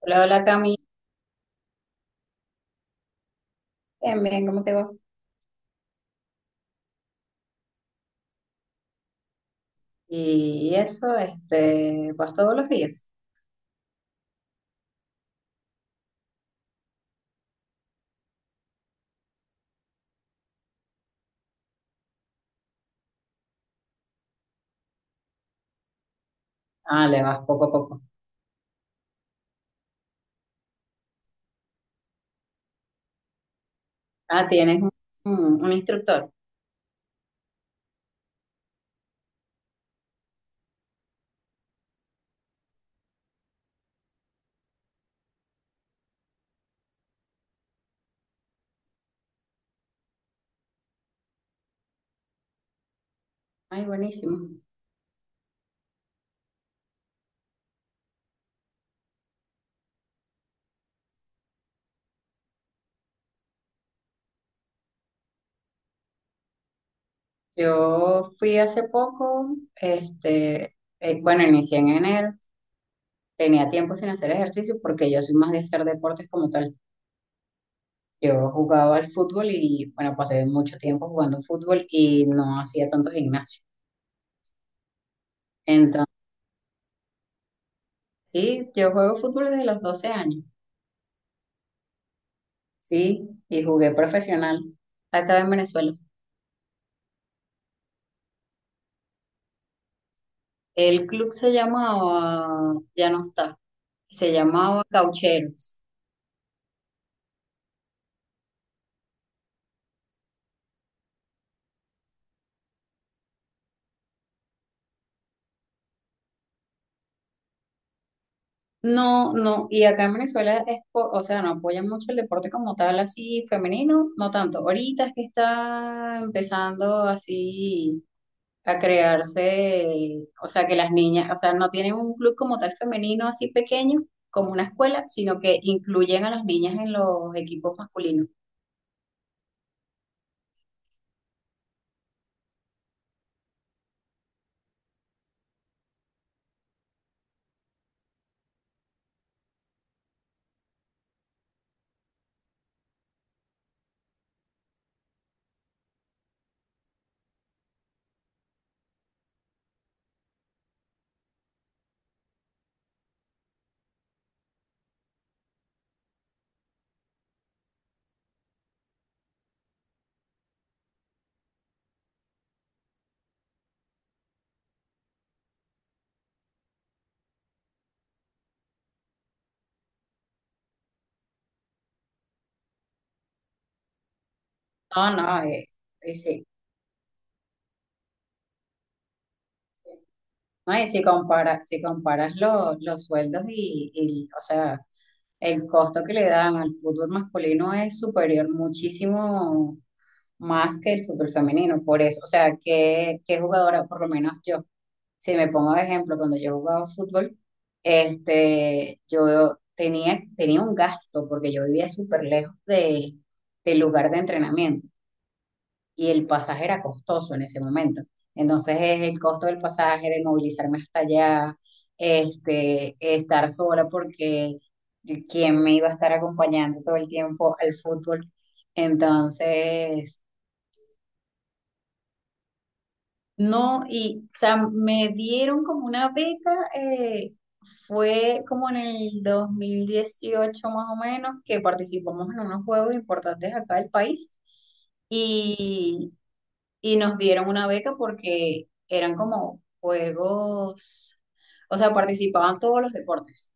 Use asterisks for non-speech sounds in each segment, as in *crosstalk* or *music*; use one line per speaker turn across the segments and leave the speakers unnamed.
Hola, hola, Cami. Bien, bien, ¿cómo te va? Y eso, ¿vas todos los días? Ah, le vas poco a poco. Ah, tienes un instructor. Ay, buenísimo. Yo fui hace poco, este, bueno, inicié en enero. Tenía tiempo sin hacer ejercicio porque yo soy más de hacer deportes como tal. Yo jugaba al fútbol y, bueno, pasé mucho tiempo jugando fútbol y no hacía tanto gimnasio. Entonces, sí, yo juego fútbol desde los 12 años. Sí, y jugué profesional acá en Venezuela. El club se llamaba, ya no está, se llamaba Caucheros. No, no, y acá en Venezuela es, o sea, no apoyan mucho el deporte como tal, así femenino, no tanto. Ahorita es que está empezando así a crearse, o sea, que las niñas, o sea, no tienen un club como tal femenino así pequeño, como una escuela, sino que incluyen a las niñas en los equipos masculinos. No, no, sí. ¿No? Y si comparas los sueldos o sea, el costo que le dan al fútbol masculino es superior muchísimo más que el fútbol femenino. Por eso, o sea, ¿que qué jugadora? Por lo menos yo, si me pongo de ejemplo, cuando yo jugaba fútbol, yo tenía un gasto porque yo vivía súper lejos del lugar de entrenamiento y el pasaje era costoso en ese momento. Entonces es el costo del pasaje, de movilizarme hasta allá, estar sola porque quién me iba a estar acompañando todo el tiempo al fútbol. Entonces, no, y o sea, me dieron como una beca, fue como en el 2018 más o menos, que participamos en unos juegos importantes acá del país. Y y nos dieron una beca porque eran como juegos, o sea, participaban todos los deportes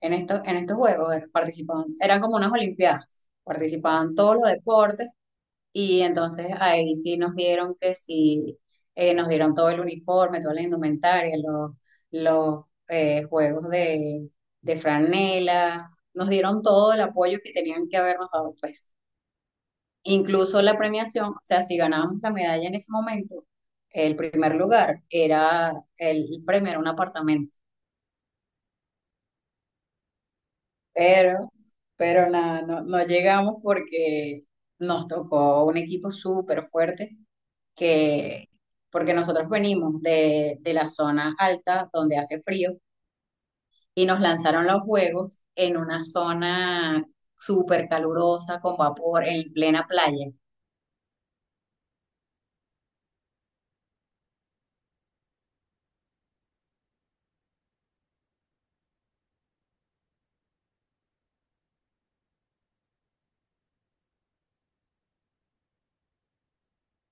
en estos juegos, participaban, eran como unas olimpiadas, participaban todos los deportes. Y entonces ahí sí nos dieron que sí, nos dieron todo el uniforme, toda la indumentaria, los juegos de franela, nos dieron todo el apoyo que tenían que habernos dado, pues. Incluso la premiación, o sea, si ganábamos la medalla en ese momento, el primer lugar era el premio, era un apartamento. Pero, pero nada, no, no llegamos porque nos tocó un equipo súper fuerte que, porque nosotros venimos de la zona alta donde hace frío y nos lanzaron los juegos en una zona súper calurosa, con vapor, en plena playa.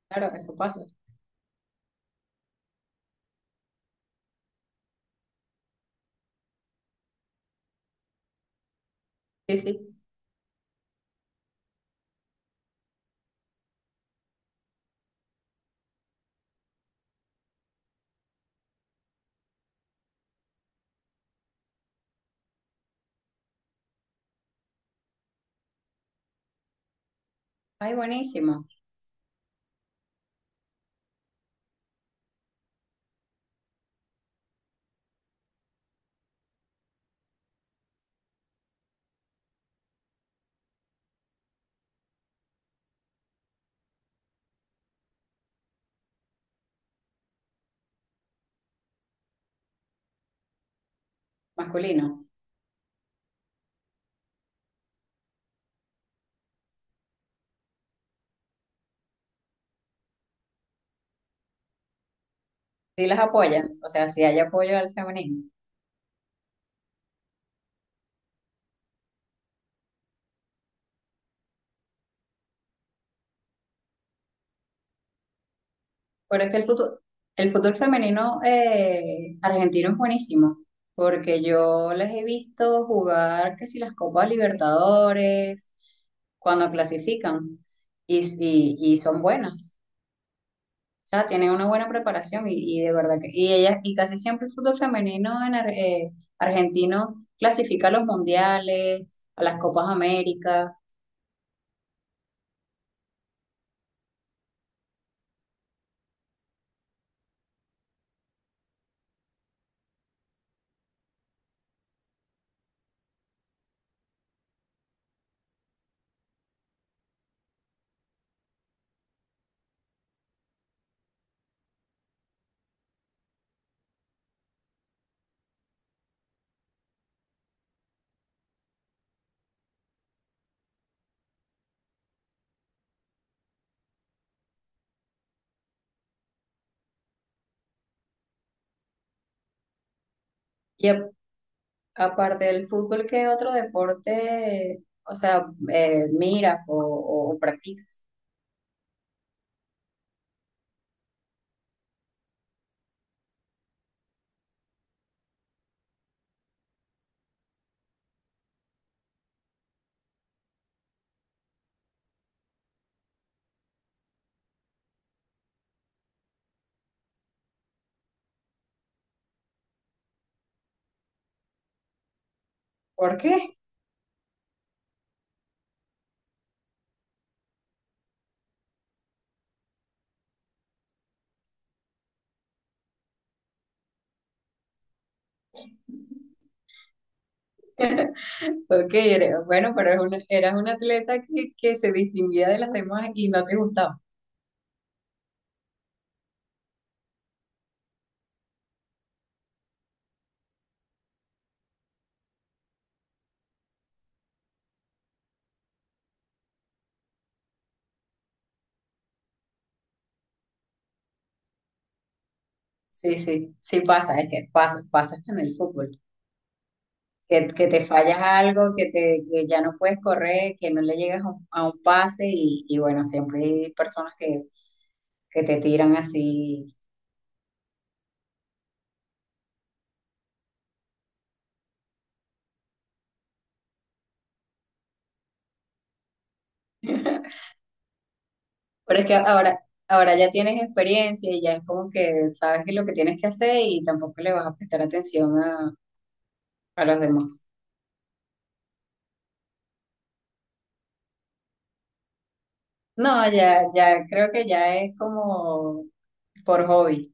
Claro, eso pasa. Sí, sí. Ay, buenísimo. Masculino. Sí las apoyas, o sea, sí hay apoyo al feminismo. Pero es que el fútbol femenino argentino es buenísimo, porque yo les he visto jugar que si las Copas Libertadores, cuando clasifican, y son buenas. O sea, tienen una buena preparación y de verdad que, y ellas, y casi siempre el fútbol femenino en argentino clasifica a los mundiales, a las Copas América. Aparte del fútbol, ¿qué otro deporte, o sea, miras o practicas? ¿Por qué? *laughs* Ok, bueno, pero eras una atleta que se distinguía de las demás y no te gustaba. Sí, sí, sí pasa, es que pasa, pasa hasta en el fútbol. Que te fallas algo, que ya no puedes correr, que no le llegas a un pase y bueno, siempre hay personas que te tiran así. *laughs* Pero es que ahora ya tienes experiencia y ya es como que sabes que lo que tienes que hacer y tampoco le vas a prestar atención a los demás. No, ya, ya creo que ya es como por hobby,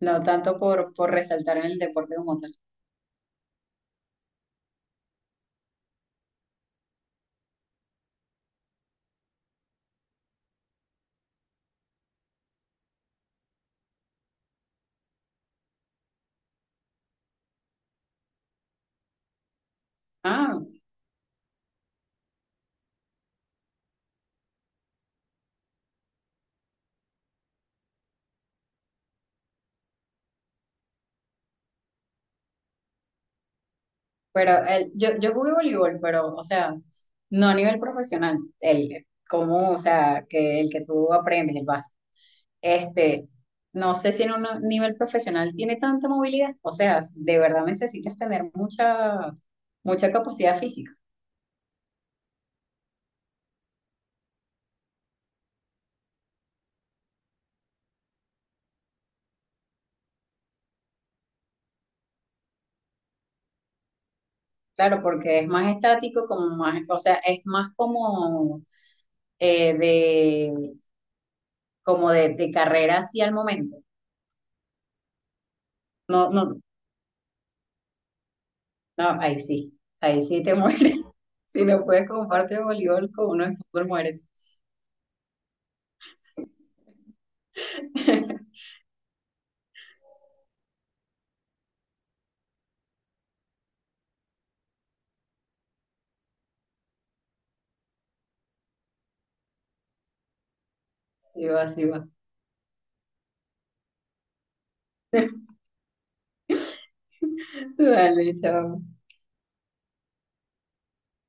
no tanto por resaltar en el deporte como tal. Ah, pero yo jugué voleibol, pero, o sea, no a nivel profesional, o sea, que el que tú aprendes, el básico. Este, no sé si en un nivel profesional tiene tanta movilidad, o sea, de verdad necesitas tener mucha, mucha capacidad física, claro, porque es más estático, como más, o sea, es más como eh, de, como de carrera así al momento. No, no, no, ahí sí te *laughs* mueres. Si no puedes compartir voleibol con uno en fútbol, mueres. *laughs* Sí va, sí va. *laughs* Dale, chao.